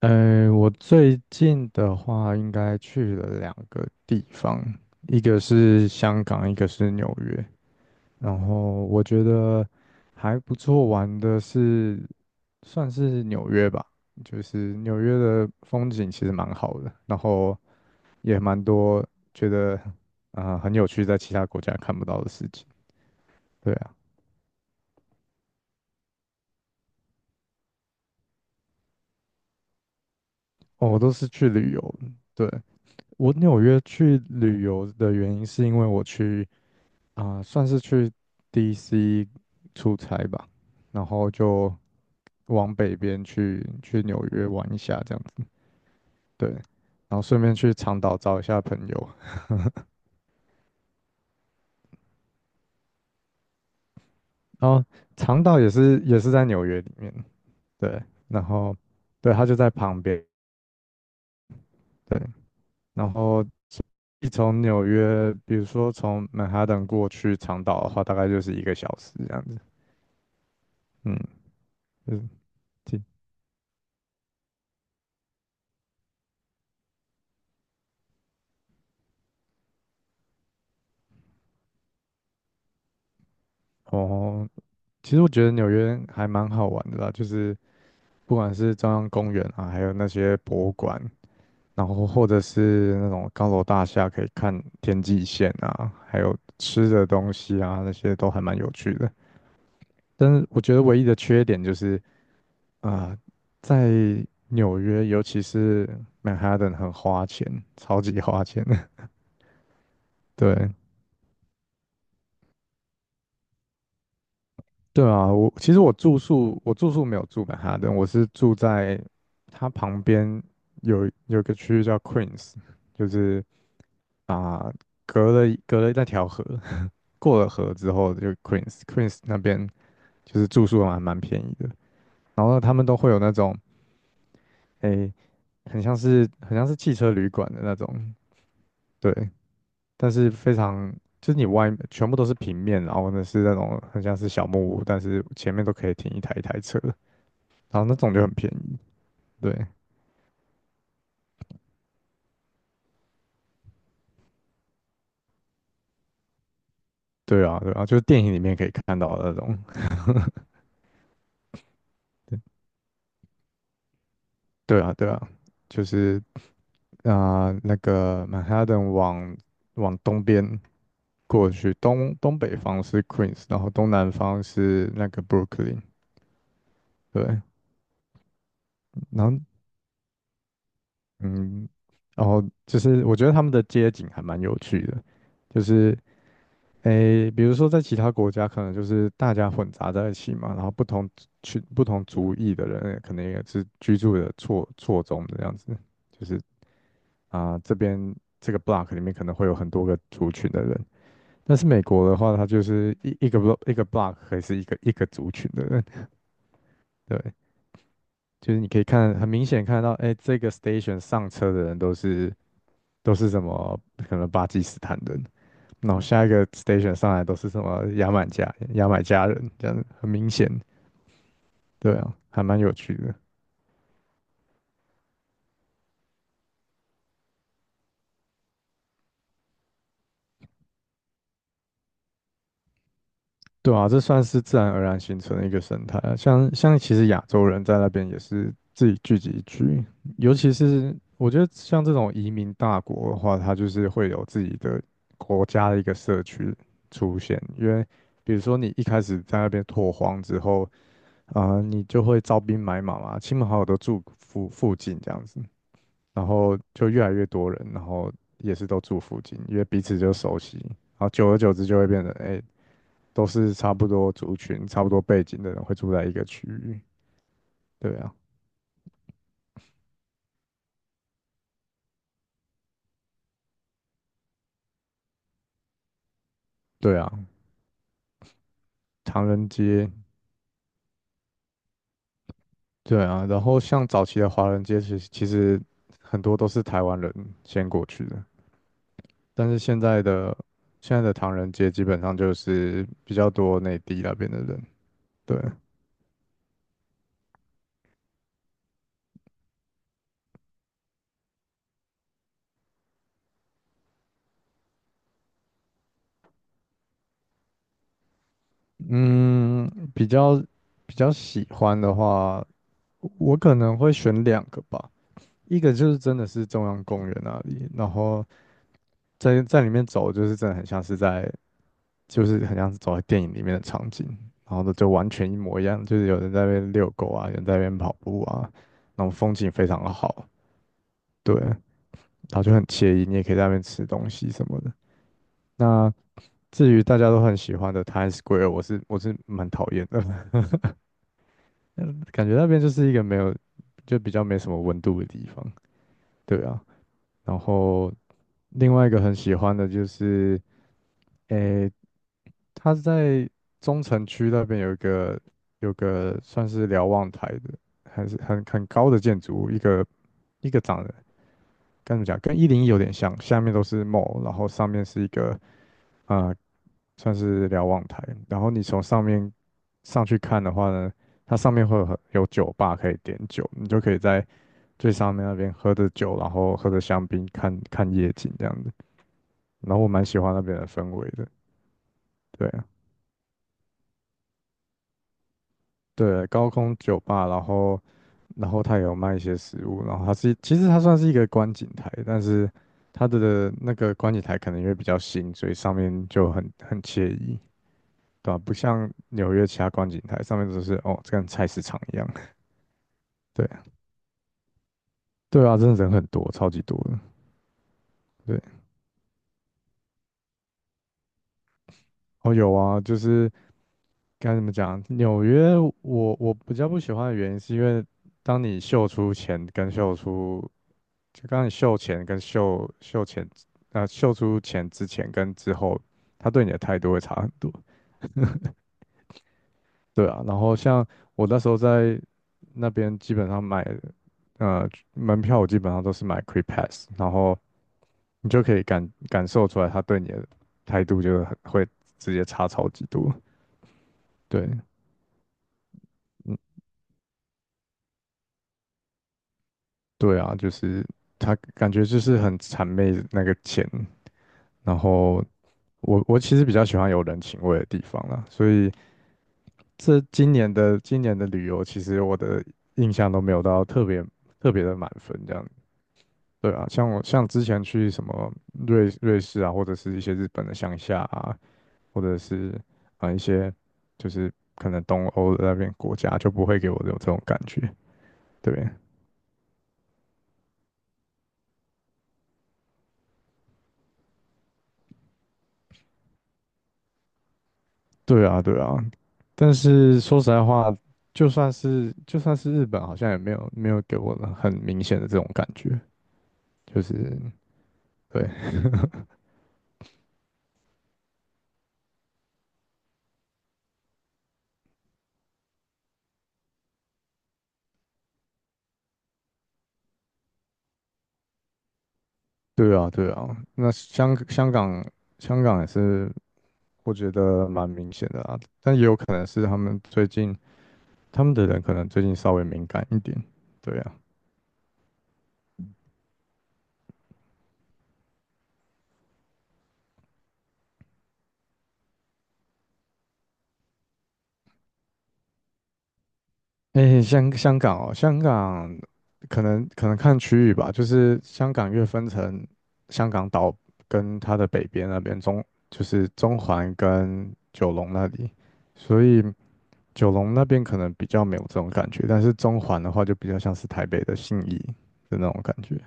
我最近的话应该去了两个地方，一个是香港，一个是纽约。然后我觉得还不错玩的是，算是纽约吧，就是纽约的风景其实蛮好的，然后也蛮多觉得很有趣，在其他国家看不到的事情。对啊，哦我都是去旅游的，对，我纽约去旅游的原因是因为我去。算是去 DC 出差吧，然后就往北边去纽约玩一下这样子，对，然后顺便去长岛找一下朋友，然后长岛也是在纽约里面，对，然后对，它就在旁边，对，然后一从纽约，比如说从曼哈顿过去长岛的话，大概就是1个小时这样子，嗯嗯，其哦，其实我觉得纽约还蛮好玩的啦，就是。不管是中央公园啊，还有那些博物馆，然后或者是那种高楼大厦，可以看天际线啊，还有吃的东西啊，那些都还蛮有趣的。但是我觉得唯一的缺点就是啊、在纽约，尤其是曼哈顿，很花钱，超级花钱的。对，对啊，我其实我住宿没有住曼哈顿，我是住在它旁边有一个区域叫 Queens，就是。啊，隔了那条河，过了河之后就 Queens，Queens 那边就是住宿还蛮便宜的。然后他们都会有那种，诶、很像是汽车旅馆的那种，对，但是非常就是你外全部都是平面，然后呢是那种很像是小木屋，但是前面都可以停一台一台车，然后那种就很便宜，对，对啊，对啊，就是电影里面可以看到的那种，对啊，对啊，就是那个曼哈顿往东边，过去，东北方是 Queens，然后东南方是那个 Brooklyn，对，然后嗯，然后就是我觉得他们的街景还蛮有趣的，就是诶，比如说在其他国家可能就是大家混杂在一起嘛，然后不同族裔的人可能也是居住的错综的这样子，就是这边这个 block 里面可能会有很多个族群的人，但是美国的话，它就是一个 block 一个 block 可以是一个一个族群的人。对，就是你可以看很明显看到，哎，这个 station 上车的人都是什么可能巴基斯坦人，然后下一个 station 上来都是什么牙买加人，这样很明显，对啊，还蛮有趣的。对啊，这算是自然而然形成的一个生态啊。像其实亚洲人在那边也是自己聚集区，尤其是我觉得像这种移民大国的话，它就是会有自己的国家的一个社区出现。因为比如说你一开始在那边拓荒之后，你就会招兵买马嘛，亲朋好友都住附近这样子，然后就越来越多人，然后也是都住附近，因为彼此就熟悉，然后久而久之就会变成，哎、都是差不多族群、差不多背景的人会住在一个区域。对啊，对啊，唐人街，对啊，然后像早期的华人街，其实很多都是台湾人先过去的，但是现在的唐人街基本上就是比较多内地那边的人。对，嗯，比较比较喜欢的话，我可能会选两个吧。一个就是真的是中央公园那里，然后在里面走，就是真的很像是在，就是很像是走在电影里面的场景，然后呢就完全一模一样，就是有人在那边遛狗啊，有人在那边跑步啊，然后风景非常的好，对，然后就很惬意，你也可以在那边吃东西什么的。那至于大家都很喜欢的 Times Square，我是蛮讨厌的，嗯感觉那边就是一个没有，就比较没什么温度的地方，对啊。然后另外一个很喜欢的就是，诶，它是在中城区那边有个算是瞭望台的，还是很高的建筑物，一个长跟该怎么讲，跟101有点像，下面都是 mall，然后上面是一个啊、呃算是瞭望台，然后你从上面上去看的话呢，它上面会有有酒吧可以点酒，你就可以在最上面那边喝着酒，然后喝着香槟看看夜景这样子，然后我蛮喜欢那边的氛围的，对啊。对，高空酒吧，然后它也有卖一些食物，然后它是其实它算是一个观景台，但是它的那个观景台可能因为比较新，所以上面就很惬意，对吧、不像纽约其他观景台上面都是哦，这跟菜市场一样。对，对啊，真的人很多，超级多的。对，哦有啊，就是该怎么讲，纽约我比较不喜欢的原因是因为当你秀出钱跟秀出就刚你秀前跟秀前，秀出前之前跟之后，他对你的态度会差很多。对啊，然后像我那时候在那边，基本上买门票，我基本上都是买 Cree Pass，然后你就可以感受出来他对你的态度就是很会直接差超级多。对，嗯，对啊，就是他感觉就是很谄媚那个钱，然后我其实比较喜欢有人情味的地方啦，所以。这今年的旅游，其实我的印象都没有到特别的满分这样。对啊，像之前去什么瑞士啊，或者是一些日本的乡下啊，或者是一些就是可能东欧的那边国家，就不会给我有这种感觉。对，对啊，对啊。但是说实在话，就算是日本，好像也没有给我很明显的这种感觉，就是对。对啊，对啊，那香港也是，我觉得蛮明显的啊，但也有可能是他们最近他们的人可能最近稍微敏感一点，对啊，诶，香港哦，香港可能看区域吧，就是香港越分成香港岛跟它的北边那边就是中环跟九龙那里，所以九龙那边可能比较没有这种感觉，但是中环的话就比较像是台北的信义的那种感觉。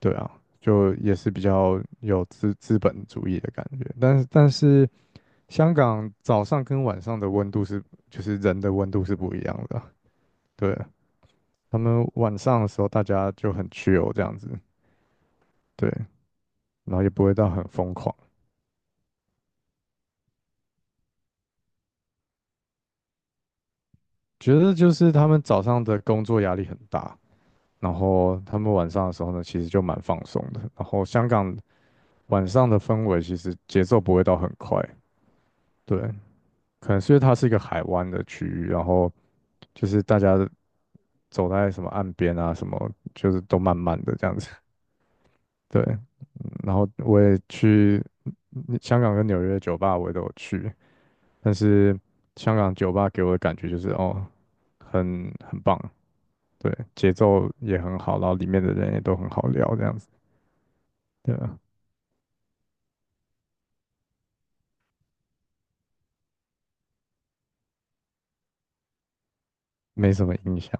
对啊，就也是比较有资本主义的感觉，但是香港早上跟晚上的温度是，就是人的温度是不一样的啊，对，他们晚上的时候大家就很 chill 这样子，对，然后也不会到很疯狂，觉得就是他们早上的工作压力很大，然后他们晚上的时候呢，其实就蛮放松的，然后香港晚上的氛围其实节奏不会到很快，对，可能是因为它是一个海湾的区域，然后。就是大家走在什么岸边啊，什么就是都慢慢的这样子。对，然后我也去香港跟纽约的酒吧，我也都有去，但是香港酒吧给我的感觉就是哦，很棒，对，节奏也很好，然后里面的人也都很好聊这样子，对啊，没什么印象。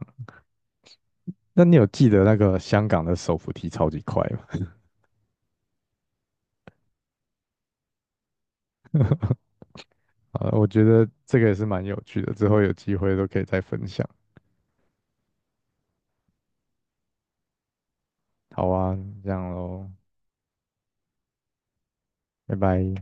那你有记得那个香港的手扶梯超级快吗？啊，我觉得这个也是蛮有趣的，之后有机会都可以再分享。好啊，这样喽，拜拜。